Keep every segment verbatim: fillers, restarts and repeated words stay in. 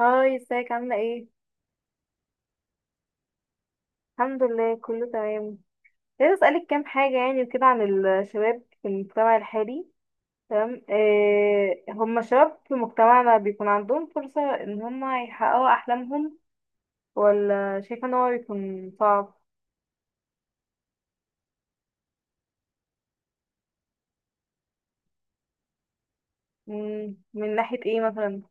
هاي، ازيك؟ عاملة ايه؟ الحمد لله، كله تمام. عايزة اسألك كام حاجة يعني وكده عن الشباب في المجتمع الحالي. تمام. إيه، هما شباب في مجتمعنا بيكون عندهم فرصة ان هما يحققوا احلامهم ولا شايفة ان هو بيكون صعب؟ مم، من ناحية ايه مثلا؟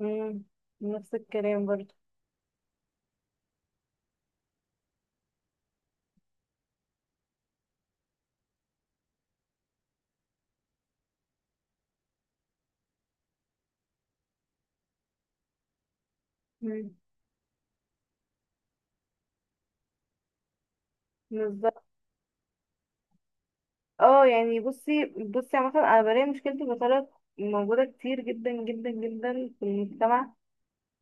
مم، نفس الكلام برضه. مم، بالظبط. اه يعني، بصي بصي، عامة انا بلاقي مشكلتي بطريقة موجودة كتير جدا جدا جدا في المجتمع.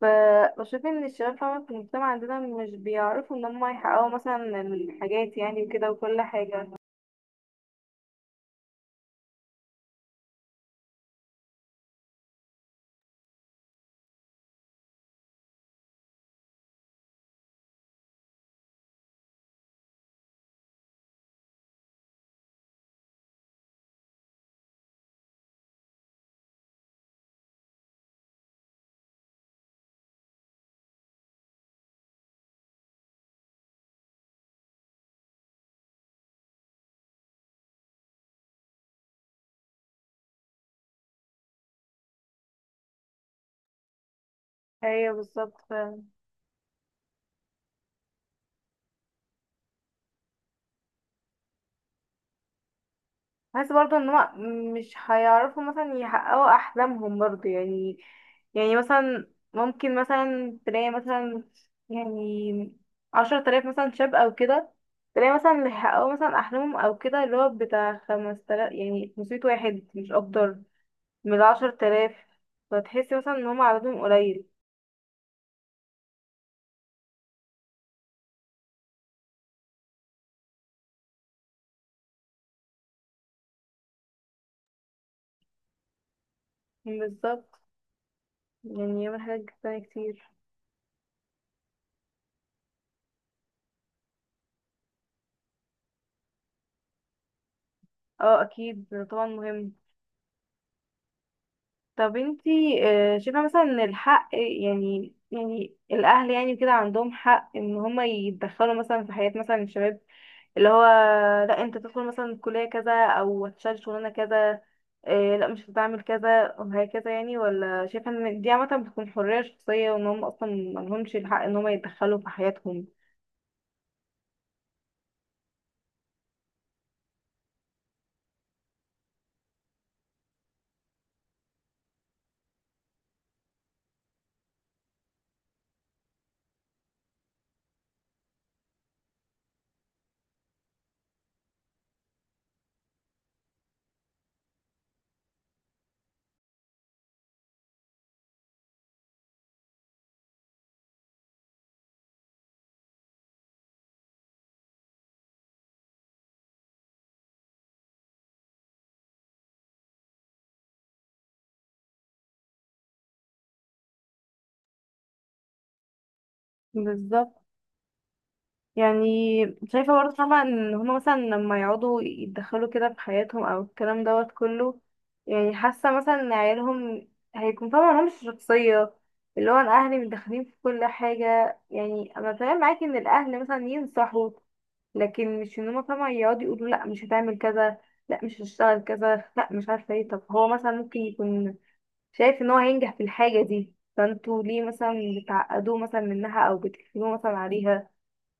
فبشوف ان الشباب فعلا في المجتمع عندنا مش بيعرفوا ان هم يحققوا مثلا الحاجات يعني وكده وكل حاجة. ايوه، بالظبط فعلا. بحس برضه ان هم مش هيعرفوا مثلا يحققوا احلامهم برضه يعني. يعني مثلا، ممكن مثلا تلاقي مثلا يعني عشرة آلاف مثلا شاب او كده، تلاقي مثلا اللي حققوا مثلا احلامهم او كده اللي هو بتاع خمس تلاف، يعني خمسمية واحد مش اكتر، من عشرة آلاف. فتحسي مثلا ان هم عددهم قليل. بالظبط. يعني يعمل حاجات جسمانية كتير. اه، اكيد طبعا مهم. طب انتي، آه، شايفة مثلا ان الحق، يعني يعني الاهل يعني كده عندهم حق ان هما يتدخلوا مثلا في حياة مثلا الشباب، اللي هو: لا، انت تدخل مثلا كلية كذا او هتشتغل شغلانة كذا، آه، لا مش هتعمل كذا وهكذا، يعني؟ ولا شايفة ان دي عامة بتكون حرية شخصية، وان هم اصلا ملهمش الحق ان هما يتدخلوا في حياتهم؟ بالظبط. يعني شايفة برضه طبعا ان هما مثلا لما يقعدوا يتدخلوا كده في حياتهم او الكلام دوت كله، يعني حاسة مثلا ان عيالهم هيكون فاهمة لهمش شخصية، اللي هو: انا اهلي متدخلين في كل حاجة. يعني انا تمام معاكي ان الاهل مثلا ينصحوا، لكن مش ان هما فاهمة يقعدوا يقولوا: لا، مش هتعمل كذا، لا، مش هتشتغل كذا، لا، مش عارفة ايه. طب هو مثلا ممكن يكون شايف ان هو هينجح في الحاجة دي، فانتوا ليه مثلا بتعقدوه مثلا منها او بتقفلوه مثلا عليها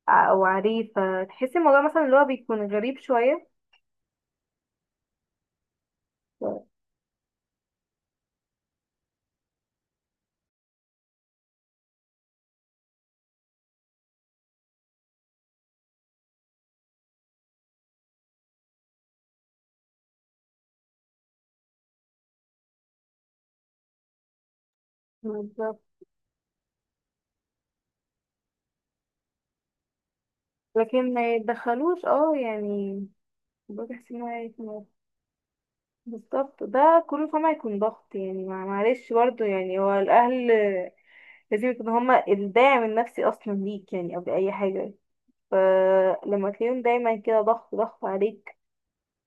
او عريف؟ فتحسي الموضوع مثلا اللي هو بيكون غريب شويه. بالظبط، لكن ما يتدخلوش، اه يعني. برضه تحسي ان هو هيكون- بالظبط، ده كله فما هيكون ضغط يعني. مع- معلش برضه، يعني هو الاهل لازم يكونوا هما الداعم النفسي اصلا ليك، يعني قبل اي حاجه. فلما تلاقيهم دايما كده ضغط ضغط عليك،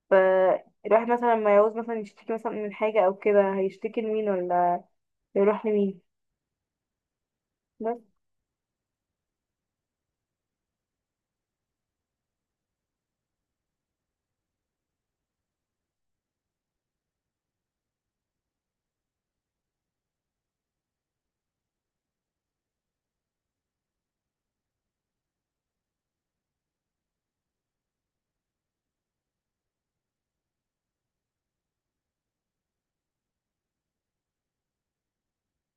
فالواحد مثلا لما يعوز مثلا يشتكي مثلا من حاجه او كده، هيشتكي لمين ولا يروح لمين؟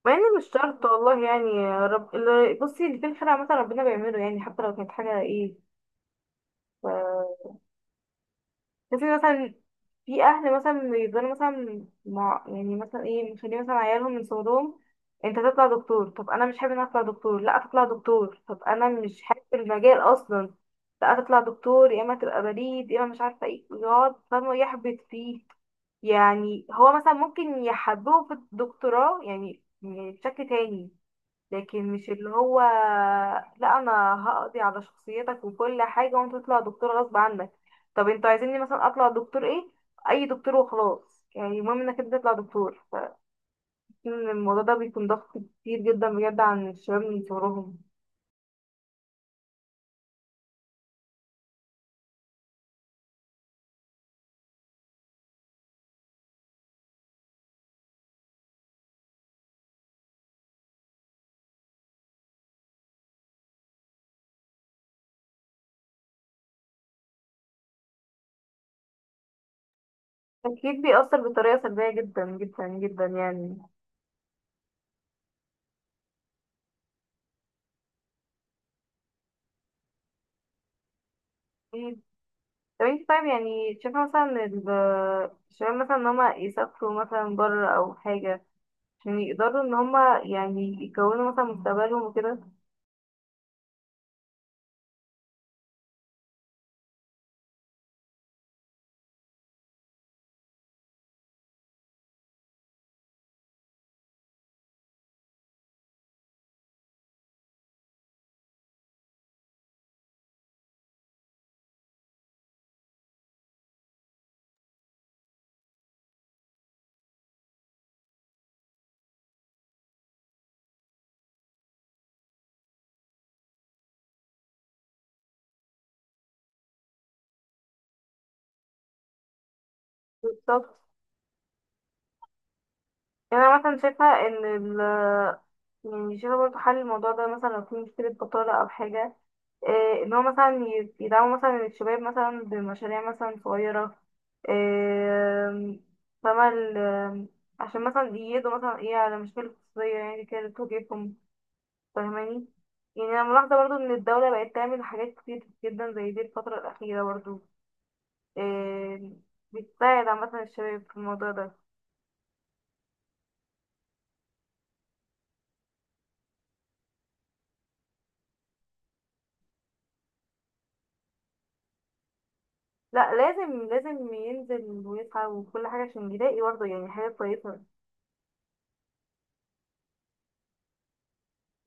مع ان مش شرط، والله، يعني يا رب. اللي- بصي، اللي في الخير عامة ربنا بيعمله، يعني حتى لو كانت حاجة ايه. ف تحسي مثلا في اهل مثلا بيفضلوا مثلا مع، يعني مثلا ايه، مخلين مثلا عيالهم من صغرهم: انت تطلع دكتور. طب انا مش حابب ان أنا اطلع دكتور. لا، تطلع دكتور. طب انا مش حابب المجال اصلا. لا، تطلع دكتور، يا اما تبقى بريد، يا اما مش عارفة ايه. يقعد فاهمة يحبط فيه. يعني هو مثلا ممكن يحببه في الدكتوراه يعني، يعني بشكل تاني، لكن مش اللي هو: لا، انا هقضي على شخصيتك وكل حاجة وانت تطلع دكتور غصب عنك. طب انتوا عايزيني مثلا اطلع دكتور ايه؟ اي دكتور وخلاص، يعني المهم انك انت تطلع دكتور. فإن الموضوع ده بيكون ضغط كتير جدا بجد عن الشباب من صغرهم. اكيد بيأثر بطريقة سلبية جدا جدا جدا يعني. أكيد. طب انت طيب، يعني شايفة مثلا إن ال- الشباب مثلا ان هما يسافروا مثلا بره او حاجة عشان يقدروا ان هما يعني يكونوا مثلا مستقبلهم وكده؟ بالظبط. يعني انا مثلا شايفه ان ال يعني شايفه برضه حل الموضوع ده مثلا لو في مشكله بطاله او حاجه، إيه، ان هو مثلا ي- يدعموا مثلا الشباب مثلا بمشاريع مثلا صغيره، إيه، فما ال- عشان مثلا يقضوا مثلا ايه على مشاكل اقتصاديه يعني كده بتواجههم، فاهماني؟ يعني انا ملاحظه برضه ان الدوله بقت تعمل حاجات كتير جدا زي دي الفتره الاخيره برضه، إيه، بتساعد عامه الشباب في الموضوع ده. لا، لازم لازم ينزل ويسعى وكل حاجة عشان يلاقي برضه يعني حاجة كويسة.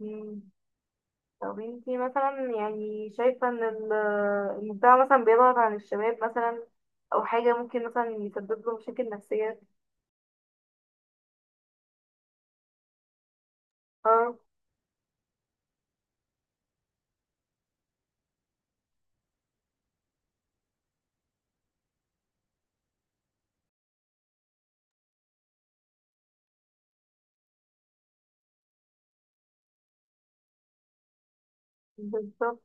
مم. طب انتي مثلا، يعني شايفة ان ال- المجتمع مثلا بيضغط عن الشباب مثلا، أو حاجة ممكن مثلا يسبب له مشاكل نفسية؟ اه. بالظبط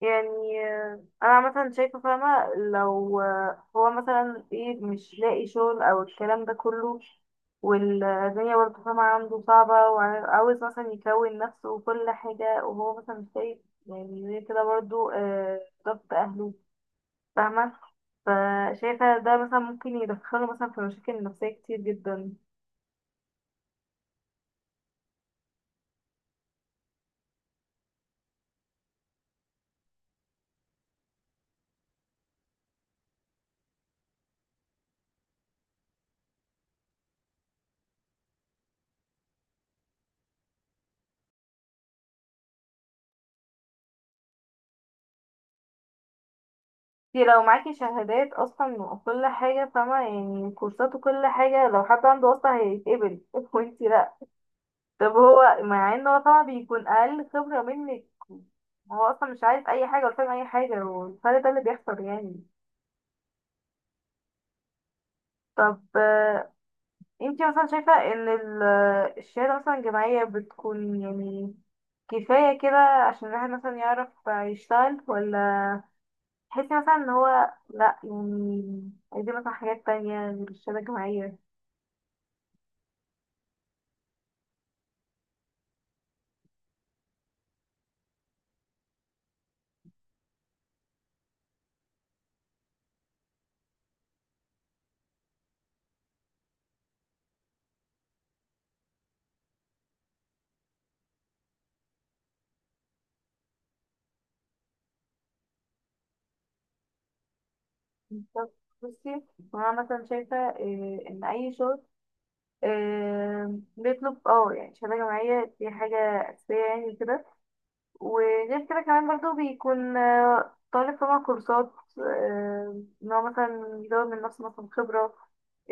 يعني. آه، انا مثلا شايفه فاهمه، لو آه، هو مثلا ايه مش لاقي شغل او الكلام ده كله، والدنيا برضه فاهمه عنده صعبه، وعاوز مثلا يكون نفسه وكل حاجه، وهو مثلا شايف يعني زي كده برضه آه، ضغط اهله، فاهمه، فشايفه ده مثلا ممكن يدخله مثلا في مشاكل نفسيه كتير جدا. انتي لو معاكي شهادات اصلا وكل حاجه، فاهمه، يعني كورسات وكل حاجه، لو حد عنده اصلا هيتقبل وانتي لا. طب هو مع ان هو طبعا بيكون اقل خبرة منك، هو اصلا مش عارف اي حاجة ولا فاهم اي حاجة، والفرق ده اللي بيحصل يعني. طب آه، انتي مثلا شايفة ان ال- آه، الشهادة مثلا الجامعية بتكون يعني كفاية كده عشان الواحد مثلا يعرف يشتغل، ولا تحسي مثلا ان هو لا، يعني عايزين مثلا حاجات تانية غير الشهادة الجامعية؟ طب بصي، هو انا مثلا شايفة آه، ان اي شغل آم، بيطلب اه يعني شهادة جامعية، دي حاجة أساسية يعني كده. وغير كده كمان برضو بيكون آه، طالب طبعا كورسات، آم، إن هو مثلا يزود من نفسه مثلا خبرة،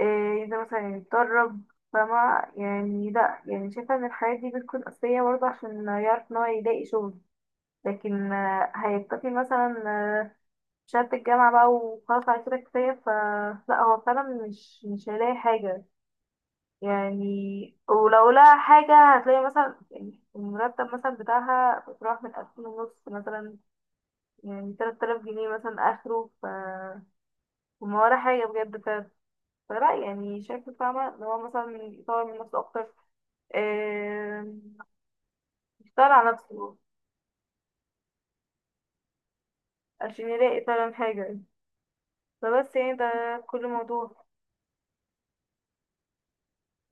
آه، ينزل مثلا يتدرب. فما يعني، لأ، يعني شايفة إن الحاجات دي بتكون أساسية برضه عشان يعرف إن هو يلاقي شغل. لكن آه، هيكتفي مثلا آه، بشهادة الجامعة بقى وخلاص، على كده كفاية؟ فلا، هو فعلا مش مش هيلاقي حاجة. يعني ولو لها حاجة، هتلاقي مثلا يعني المرتب مثلا بتاعها بتروح من ألفين ونص مثلا، يعني تلات آلاف جنيه مثلا آخره. ف وما ولا حاجة بجد. ف... فلا، يعني شايفة فاهمة إن هو مثلا يطور من نفسه أكتر، آم، يشتغل على نفسه عشان يلاقي فعلا حاجة. فبس، يعني ده كل موضوع.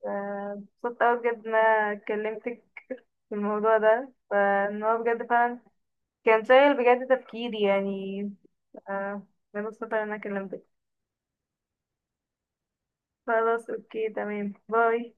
ف- اتبسطت أوي بجد إن أنا كلمتك في الموضوع ده، فإن هو بجد فعلا كان شايل بجد تفكيري يعني. آه، أنا مبسوطة إن أنا كلمتك. خلاص، أوكي، تمام، باي.